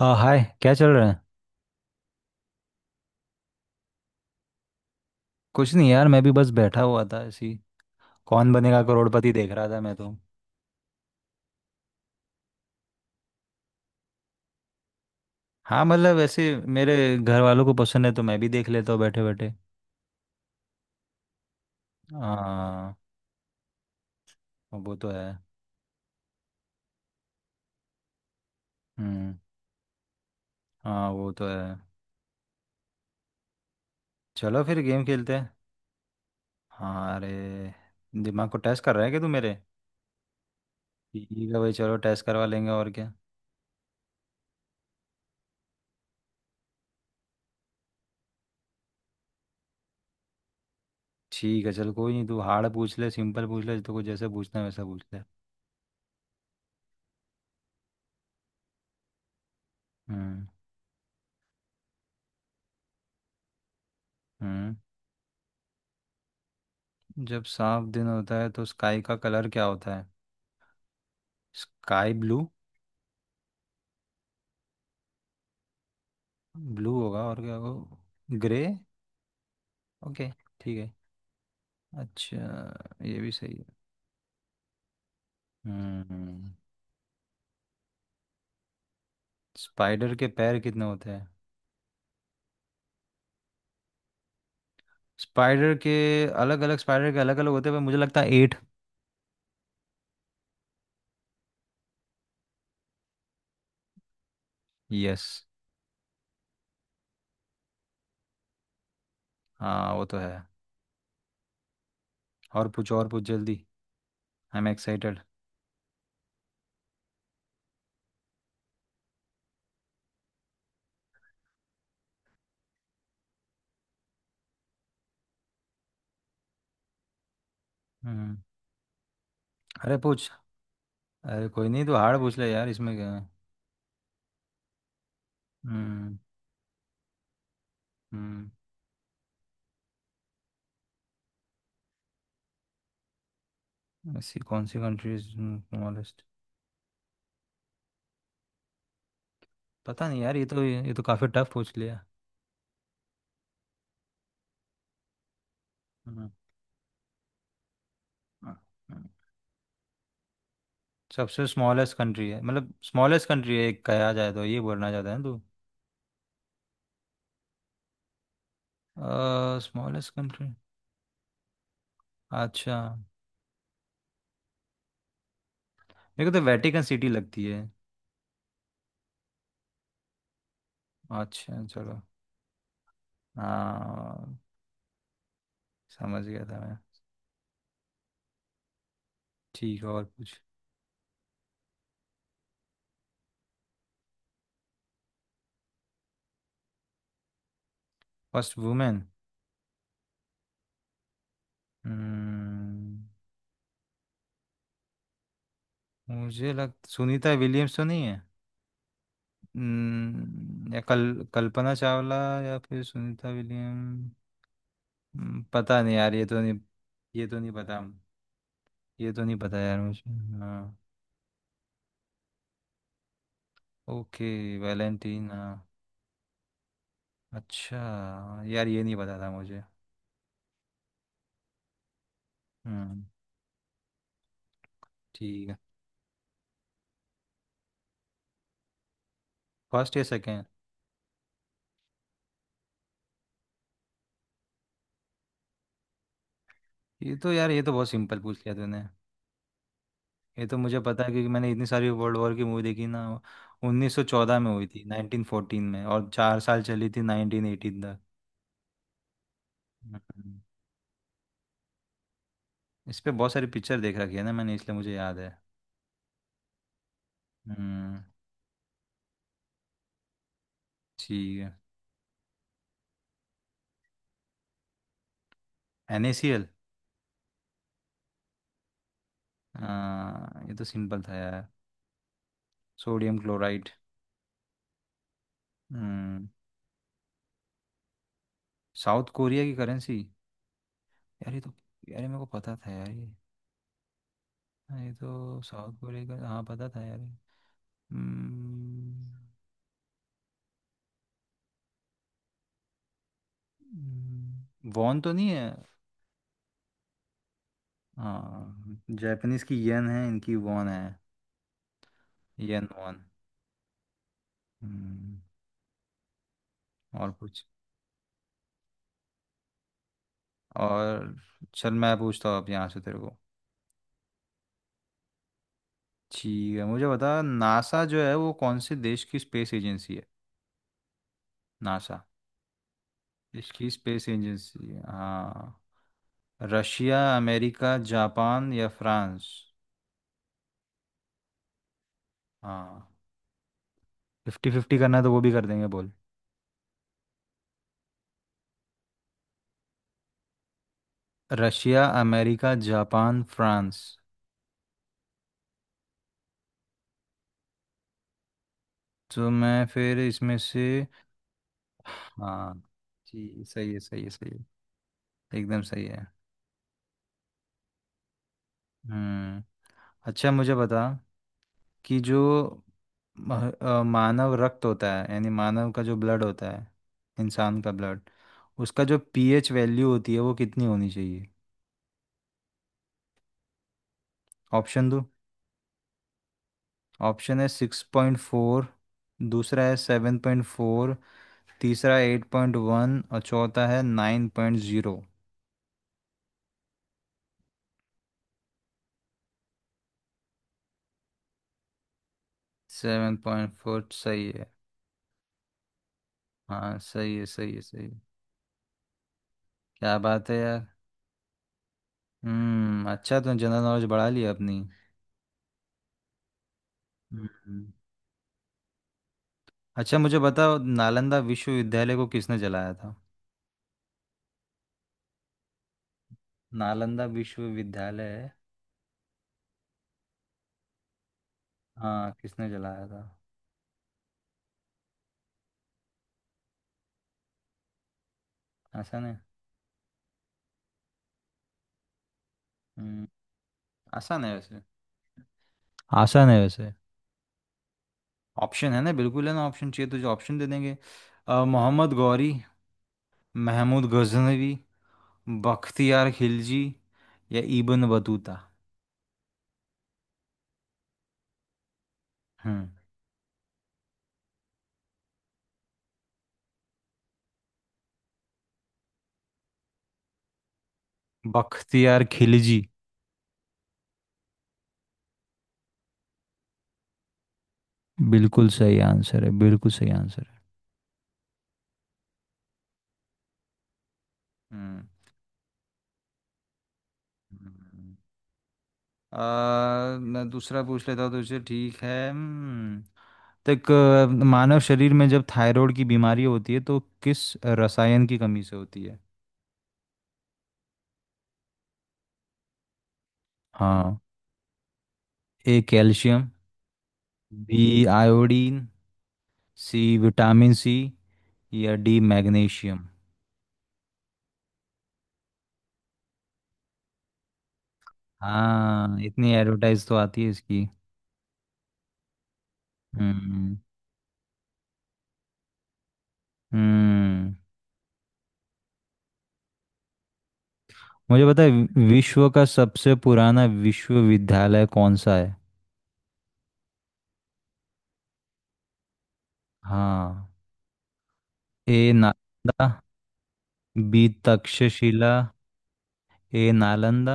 हाय, क्या चल रहा है। कुछ नहीं यार, मैं भी बस बैठा हुआ था ऐसी। कौन बनेगा करोड़पति देख रहा था मैं तो। हाँ, मतलब ऐसे मेरे घर वालों को पसंद है तो मैं भी देख लेता हूँ बैठे बैठे। हाँ वो तो है। हम्म। हाँ वो तो है। चलो फिर गेम खेलते हैं। हाँ, अरे दिमाग को टेस्ट कर रहा है क्या तू मेरे। ठीक है भाई, चलो टेस्ट करवा लेंगे और क्या। ठीक है चल, कोई नहीं, तू हार्ड पूछ ले सिंपल पूछ ले, तो कुछ जैसे पूछना है वैसा पूछ ले। हम्म। हम्म जब साफ दिन होता है तो स्काई का कलर क्या होता है। Sky blue. ब्लू होगा और क्या होगा, ग्रे। ओके, ठीक है, अच्छा। ये भी सही है। हम्म स्पाइडर के पैर कितने होते हैं। स्पाइडर के अलग अलग, स्पाइडर के अलग अलग होते हैं, पर मुझे लगता है एट। यस, हाँ वो तो है। और पूछ जल्दी। I am excited. हम्म। अरे पूछ, अरे कोई नहीं तो हार्ड पूछ ले यार, इसमें क्या है। हम्म। हम्म। ऐसी कौन सी कंट्रीज स्मॉलेस्ट। पता नहीं यार, ये तो काफ़ी टफ पूछ लिया। हम्म। सबसे स्मॉलेस्ट कंट्री है, मतलब स्मॉलेस्ट कंट्री है एक कहा जाए तो, ये बोलना चाहते हैं तू। Smallest country. अच्छा, मेरे को तो वेटिकन सिटी लगती है। अच्छा चलो, हाँ, समझ गया था मैं। ठीक है, और कुछ। First women. हम्म, मुझे लग सुनीता विलियम्स तो नहीं है। या कल कल्पना चावला। या फिर सुनीता विलियम। पता नहीं यार ये तो नहीं। ये तो नहीं पता। ये तो नहीं पता यार मुझे। हाँ। ओके। वैलेंटीन हाँ। अच्छा, यार ये नहीं पता था मुझे। हम्म, ठीक है। फर्स्ट या सेकेंड। ये तो यार, ये तो बहुत सिंपल पूछ लिया तूने। ये तो मुझे पता है क्योंकि मैंने इतनी सारी वर्ल्ड वॉर की मूवी देखी ना। 1914 में हुई थी, 1914 में, और 4 साल चली थी 1918 तक। हम्म, इस पे बहुत सारी पिक्चर देख रखी है ना मैंने, इसलिए मुझे याद है। हम्म, ठीक है। NaCl। हाँ ये तो सिंपल था यार। Sodium chloride. हम्म साउथ कोरिया की करेंसी। यार ये तो, यार ये मेरे को पता था यार ये। हाँ, ये तो साउथ कोरिया का हाँ पता था यार ये। हम्म। वॉन तो नहीं है। हाँ, जापानीज की येन है, इनकी वॉन है। Yen won. हम्म। और कुछ। और। चल मैं पूछता हूँ अब यहाँ से तेरे को। ठीक है, मुझे बता नासा जो है वो कौन से देश की स्पेस एजेंसी है। नासा इसकी स्पेस एजेंसी है। हाँ, रशिया, अमेरिका, जापान या फ्रांस। हाँ, फिफ्टी फिफ्टी करना है तो वो भी कर देंगे, बोल। Russia, America, Japan, France. तो मैं फिर इसमें से। हाँ जी, सही है सही है सही है। एकदम सही है। हम्म। अच्छा मुझे बता कि जो मानव रक्त होता है यानी मानव का जो ब्लड होता है, इंसान का ब्लड, उसका जो पीएच वैल्यू होती है वो कितनी होनी चाहिए। ऑप्शन दो। ऑप्शन है सिक्स पॉइंट फोर, दूसरा है सेवन पॉइंट फोर, तीसरा एट पॉइंट वन, और चौथा है nine point zero. Seven point four सही है। हाँ सही है सही है सही है। क्या बात है यार। अच्छा तुमने जनरल नॉलेज बढ़ा लिया अपनी। हम्म अच्छा मुझे बताओ नालंदा विश्वविद्यालय को किसने जलाया था। नालंदा विश्वविद्यालय। हाँ किसने जलाया था। आसान है। हम्म। आसान है वैसे। आसान है वैसे। ऑप्शन है ना, बिल्कुल है ना, ऑप्शन चाहिए तुझे ऑप्शन दे देंगे। मोहम्मद गौरी, महमूद गजनवी, बख्तियार खिलजी, या इब्न बतूता। हम्म। बख्तियार खिलजी बिल्कुल सही आंसर है, बिल्कुल सही आंसर है। हम्म। हम्म। मैं दूसरा पूछ लेता हूँ तुझसे, ठीक है। तक मानव शरीर में जब थायराइड की बीमारी होती है तो किस रसायन की कमी से होती है। हाँ, A calcium, B iodine, C vitamin C, या डी मैग्नीशियम। हाँ, इतनी एडवर्टाइज तो आती है इसकी। हम्म। हम्म। मुझे पता है विश्व का सबसे पुराना विश्वविद्यालय कौन सा है। हाँ, A Nalanda, B Takshashila. A Nalanda,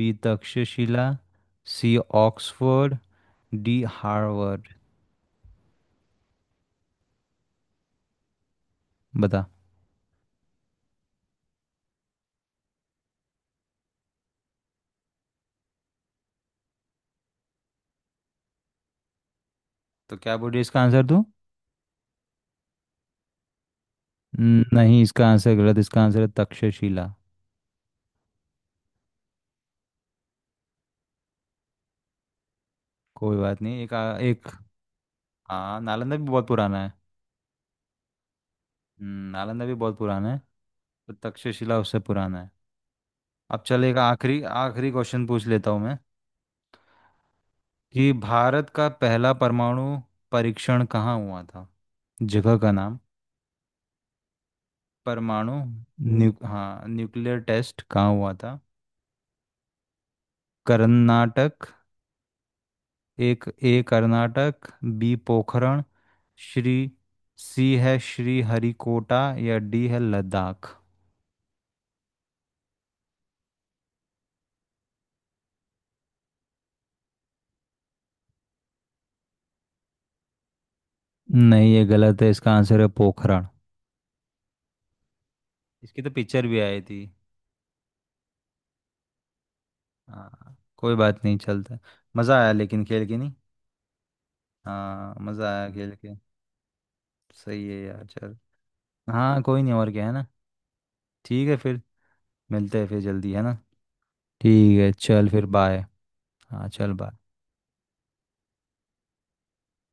B Takshashila, C Oxford, D Harvard. बता। तो क्या बोल रही है इसका आंसर तू। नहीं इसका आंसर गलत, इसका आंसर है तक्षशिला। कोई बात नहीं, एक एक। हाँ, नालंदा भी बहुत पुराना है। नालंदा भी बहुत पुराना है। तो तक्षशिला उससे पुराना है। अब चल एक आखिरी आखिरी क्वेश्चन पूछ लेता हूँ मैं कि भारत का पहला परमाणु परीक्षण कहाँ हुआ था, जगह का नाम। परमाणु। न्यू हम्म, हाँ, न्यूक्लियर टेस्ट कहाँ हुआ था। कर्नाटक। एक, A Karnataka, B Pokhran, Sri, C है श्री हरिकोटा, या डी है लद्दाख। नहीं ये गलत है, इसका आंसर है पोखरण। इसकी तो पिक्चर भी आई थी। हाँ कोई बात नहीं चलता। मज़ा आया लेकिन खेल के नहीं। हाँ मज़ा आया खेल के। सही है यार, चल। हाँ कोई नहीं और क्या है ना। ठीक है फिर, मिलते हैं फिर जल्दी, है ना। ठीक है चल फिर बाय। हाँ चल बाय।